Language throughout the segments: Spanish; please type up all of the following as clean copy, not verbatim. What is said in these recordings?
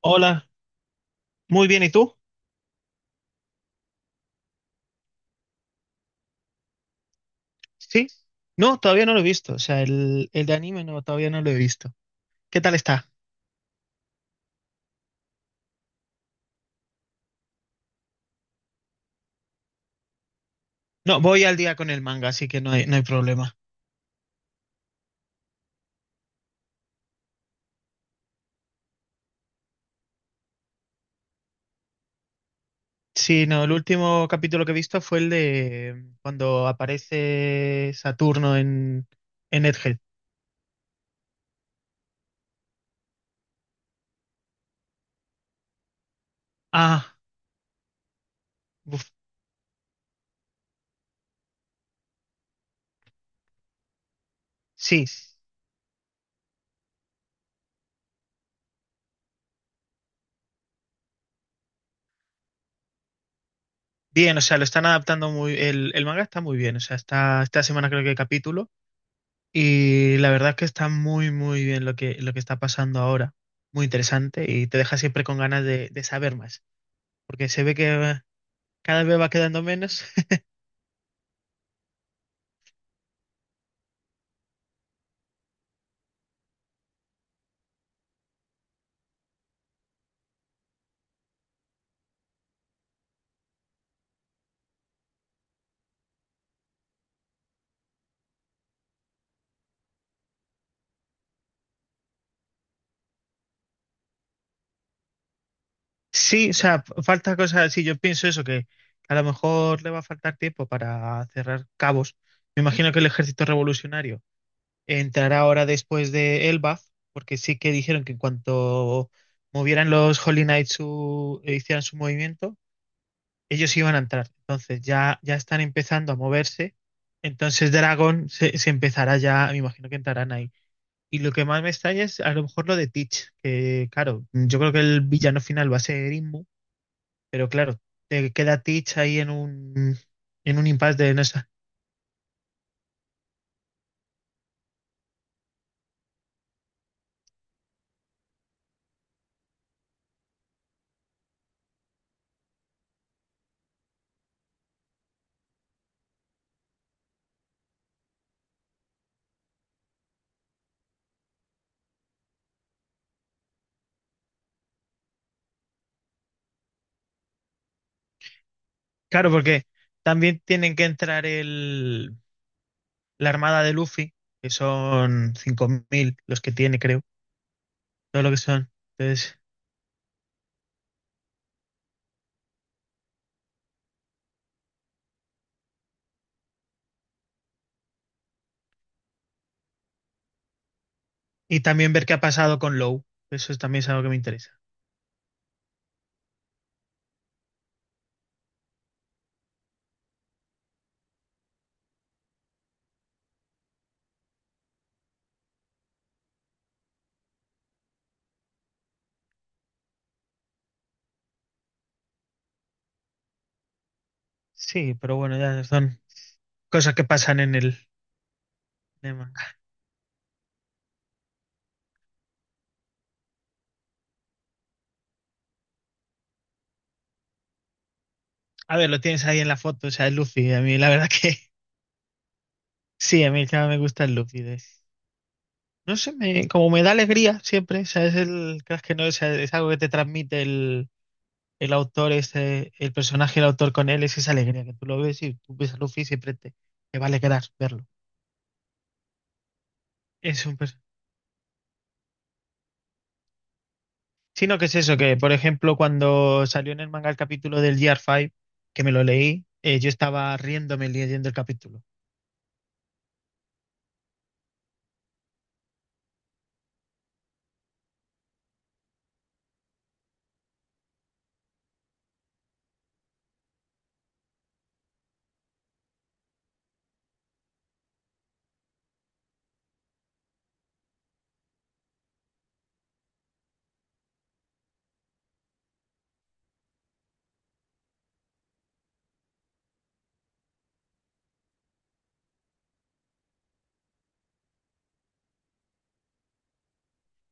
Hola, muy bien, ¿y tú? ¿Sí? No, todavía no lo he visto, o sea, el de anime no, todavía no lo he visto. ¿Qué tal está? No, voy al día con el manga, así que no hay problema. Sí, no, el último capítulo que he visto fue el de cuando aparece Saturno en Egghead. Ah, uf, sí, bien, o sea, lo están adaptando muy, el manga está muy bien, o sea, está, esta semana creo que hay capítulo. Y la verdad es que está muy, muy bien lo que está pasando ahora. Muy interesante y te deja siempre con ganas de saber más, porque se ve que cada vez va quedando menos. Sí, o sea, falta cosas así. Yo pienso eso, que a lo mejor le va a faltar tiempo para cerrar cabos. Me imagino que el ejército revolucionario entrará ahora después de Elbaf, porque sí que dijeron que en cuanto movieran los Holy Knights e hicieran su movimiento ellos iban a entrar. Entonces ya, ya están empezando a moverse. Entonces Dragon se empezará ya, me imagino que entrarán ahí. Y lo que más me extraña es a lo mejor lo de Teach, que claro, yo creo que el villano final va a ser Inmu, pero claro, te queda Teach ahí en un impasse de no sé. Claro, porque también tienen que entrar la armada de Luffy, que son 5.000 los que tiene, creo, todo lo que son. Entonces, y también ver qué ha pasado con Low, eso es, también es algo que me interesa. Sí, pero bueno, ya son cosas que pasan en el manga. A ver, lo tienes ahí en la foto, o sea, el Luffy. A mí, la verdad que sí, a mí ya me gusta el Luffy. No sé, me, como me da alegría siempre, o sea, es el crack que no, o sea, es algo que te transmite el autor, este, el personaje, el autor con él, es esa alegría que tú lo ves y tú ves a Luffy y siempre te va a alegrar verlo. Es un pers- Sino que es eso, que por ejemplo, cuando salió en el manga el capítulo del Year 5, que me lo leí, yo estaba riéndome leyendo el capítulo.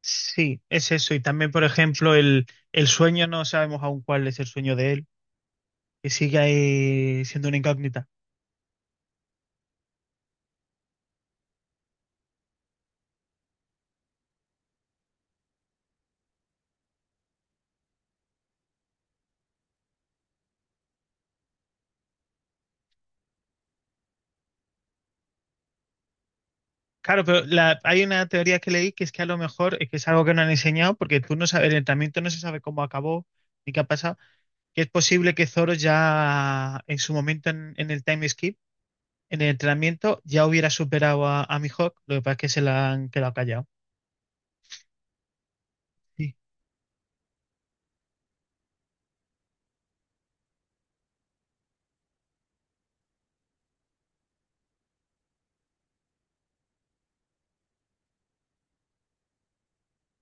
Sí, es eso. Y también, por ejemplo, el sueño, no sabemos aún cuál es el sueño de él, que sigue ahí siendo una incógnita. Claro, pero hay una teoría que leí que es que a lo mejor es que es algo que no han enseñado, porque tú no sabes, el entrenamiento no se sabe cómo acabó ni qué ha pasado, que es posible que Zoro ya en su momento en el time skip, en el entrenamiento, ya hubiera superado a Mihawk, lo que pasa es que se la han quedado callado. Sí.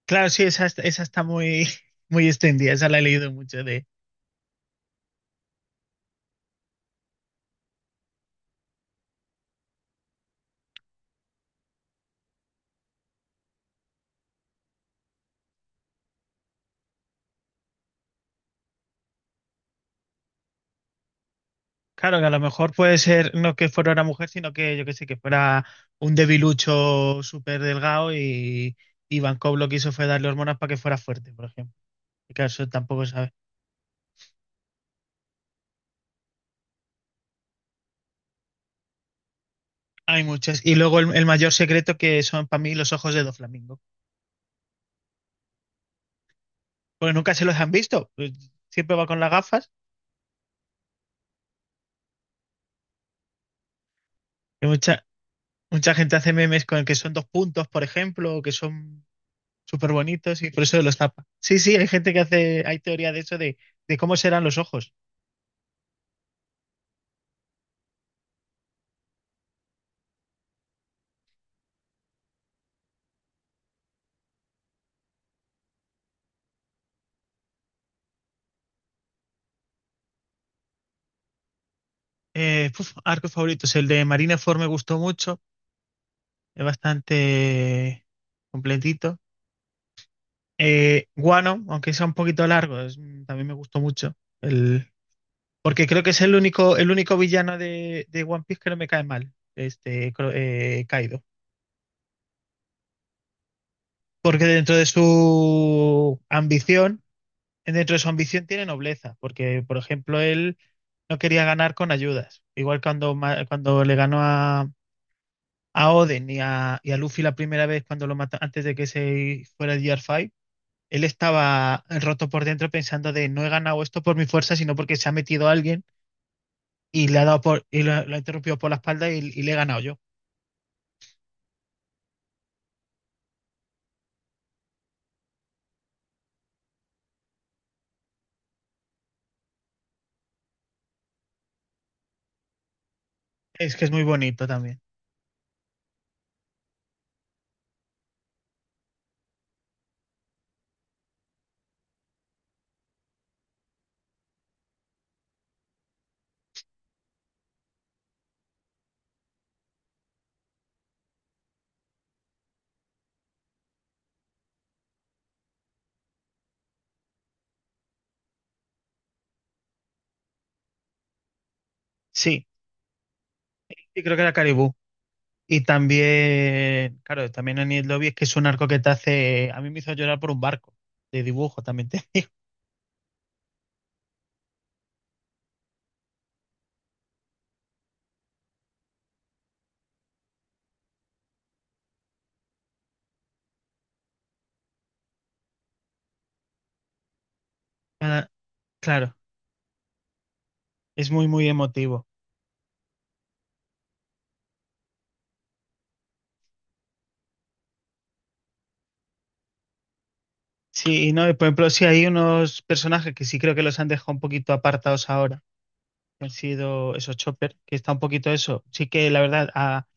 Claro, sí, esa está muy, muy extendida, esa la he leído mucho. Claro, que a lo mejor puede ser no que fuera una mujer, sino que yo qué sé, que fuera un debilucho súper delgado y Van Gogh lo que hizo fue darle hormonas para que fuera fuerte, por ejemplo. Y claro, eso tampoco sabe. Hay muchas. Y luego el mayor secreto que son para mí los ojos de dos Doflamingo. Porque nunca se los han visto. Pues siempre va con las gafas. Y mucha, mucha gente hace memes con el que son dos puntos, por ejemplo, o que son súper bonitos y por eso los tapa. Sí, sí, hay gente que hace, hay teoría de eso de, cómo serán los ojos. Uf, arcos favoritos. El de Marineford me gustó mucho. Es bastante completito. Guano, aunque sea un poquito largo, también me gustó mucho. El, Porque creo que es el único villano de One Piece que no me cae mal. Kaido. Porque dentro de su ambición tiene nobleza. Porque, por ejemplo, él no quería ganar con ayudas. Igual cuando le ganó a Oden y a Luffy la primera vez cuando lo mata, antes de que se fuera el Gear 5, él estaba roto por dentro pensando de no he ganado esto por mi fuerza, sino porque se ha metido alguien y le ha dado por, y lo ha interrumpido por la espalda y le he ganado yo. Es que es muy bonito también. Sí, y creo que era Caribú. Y también, claro, también en el lobby es que es un arco que te hace, a mí me hizo llorar por un barco de dibujo también. Claro, es muy, muy emotivo. Sí, no, y por ejemplo, sí hay unos personajes que sí creo que los han dejado un poquito apartados ahora. Han sido esos Chopper, que está un poquito eso. Sí que la verdad,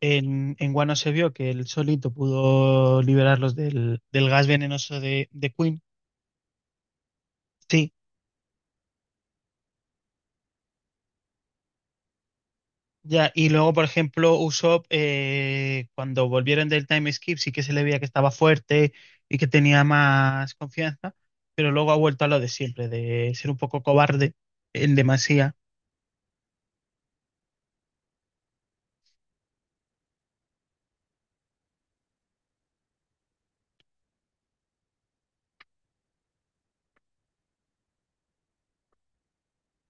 en Wano se vio que él solito pudo liberarlos del gas venenoso de Queen. Sí, ya. Y luego, por ejemplo, Usopp, cuando volvieron del time skip, sí que se le veía que estaba fuerte y que tenía más confianza, pero luego ha vuelto a lo de siempre, de ser un poco cobarde en demasía.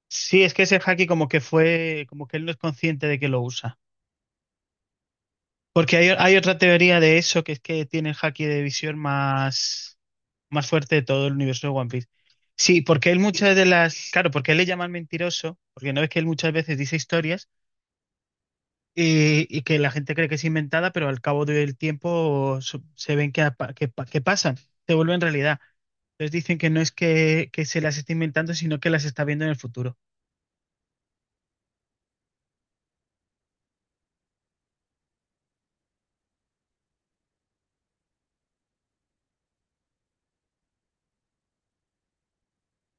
Sí, es que ese haki como que fue, como que él no es consciente de que lo usa. Porque hay otra teoría de eso, que es que tiene el haki de visión más fuerte de todo el universo de One Piece. Sí, porque él muchas de las, claro, porque él le llaman mentiroso, porque no ves que él muchas veces dice historias y que la gente cree que es inventada, pero al cabo del tiempo se ven que, que, que pasan, se vuelven realidad. Entonces dicen que no es que, se las esté inventando, sino que las está viendo en el futuro.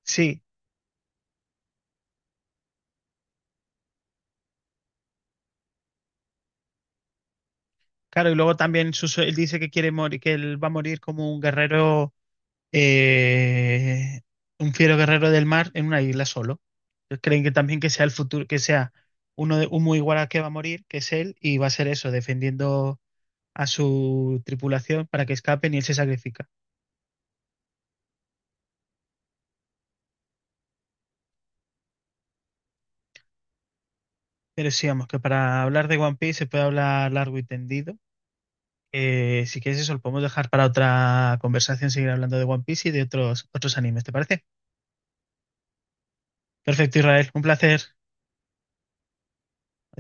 Sí, claro, y luego también él dice que quiere morir, que él va a morir como un guerrero, eh, un fiero guerrero del mar en una isla solo. Entonces, creen que también que sea el futuro, que sea uno de, un muy igual al que va a morir, que es él, y va a ser eso, defendiendo a su tripulación para que escapen y él se sacrifica. Pero sí, vamos, que para hablar de One Piece se puede hablar largo y tendido. Si quieres eso, lo podemos dejar para otra conversación, seguir hablando de One Piece y de otros animes, ¿te parece? Perfecto, Israel, un placer. Adiós.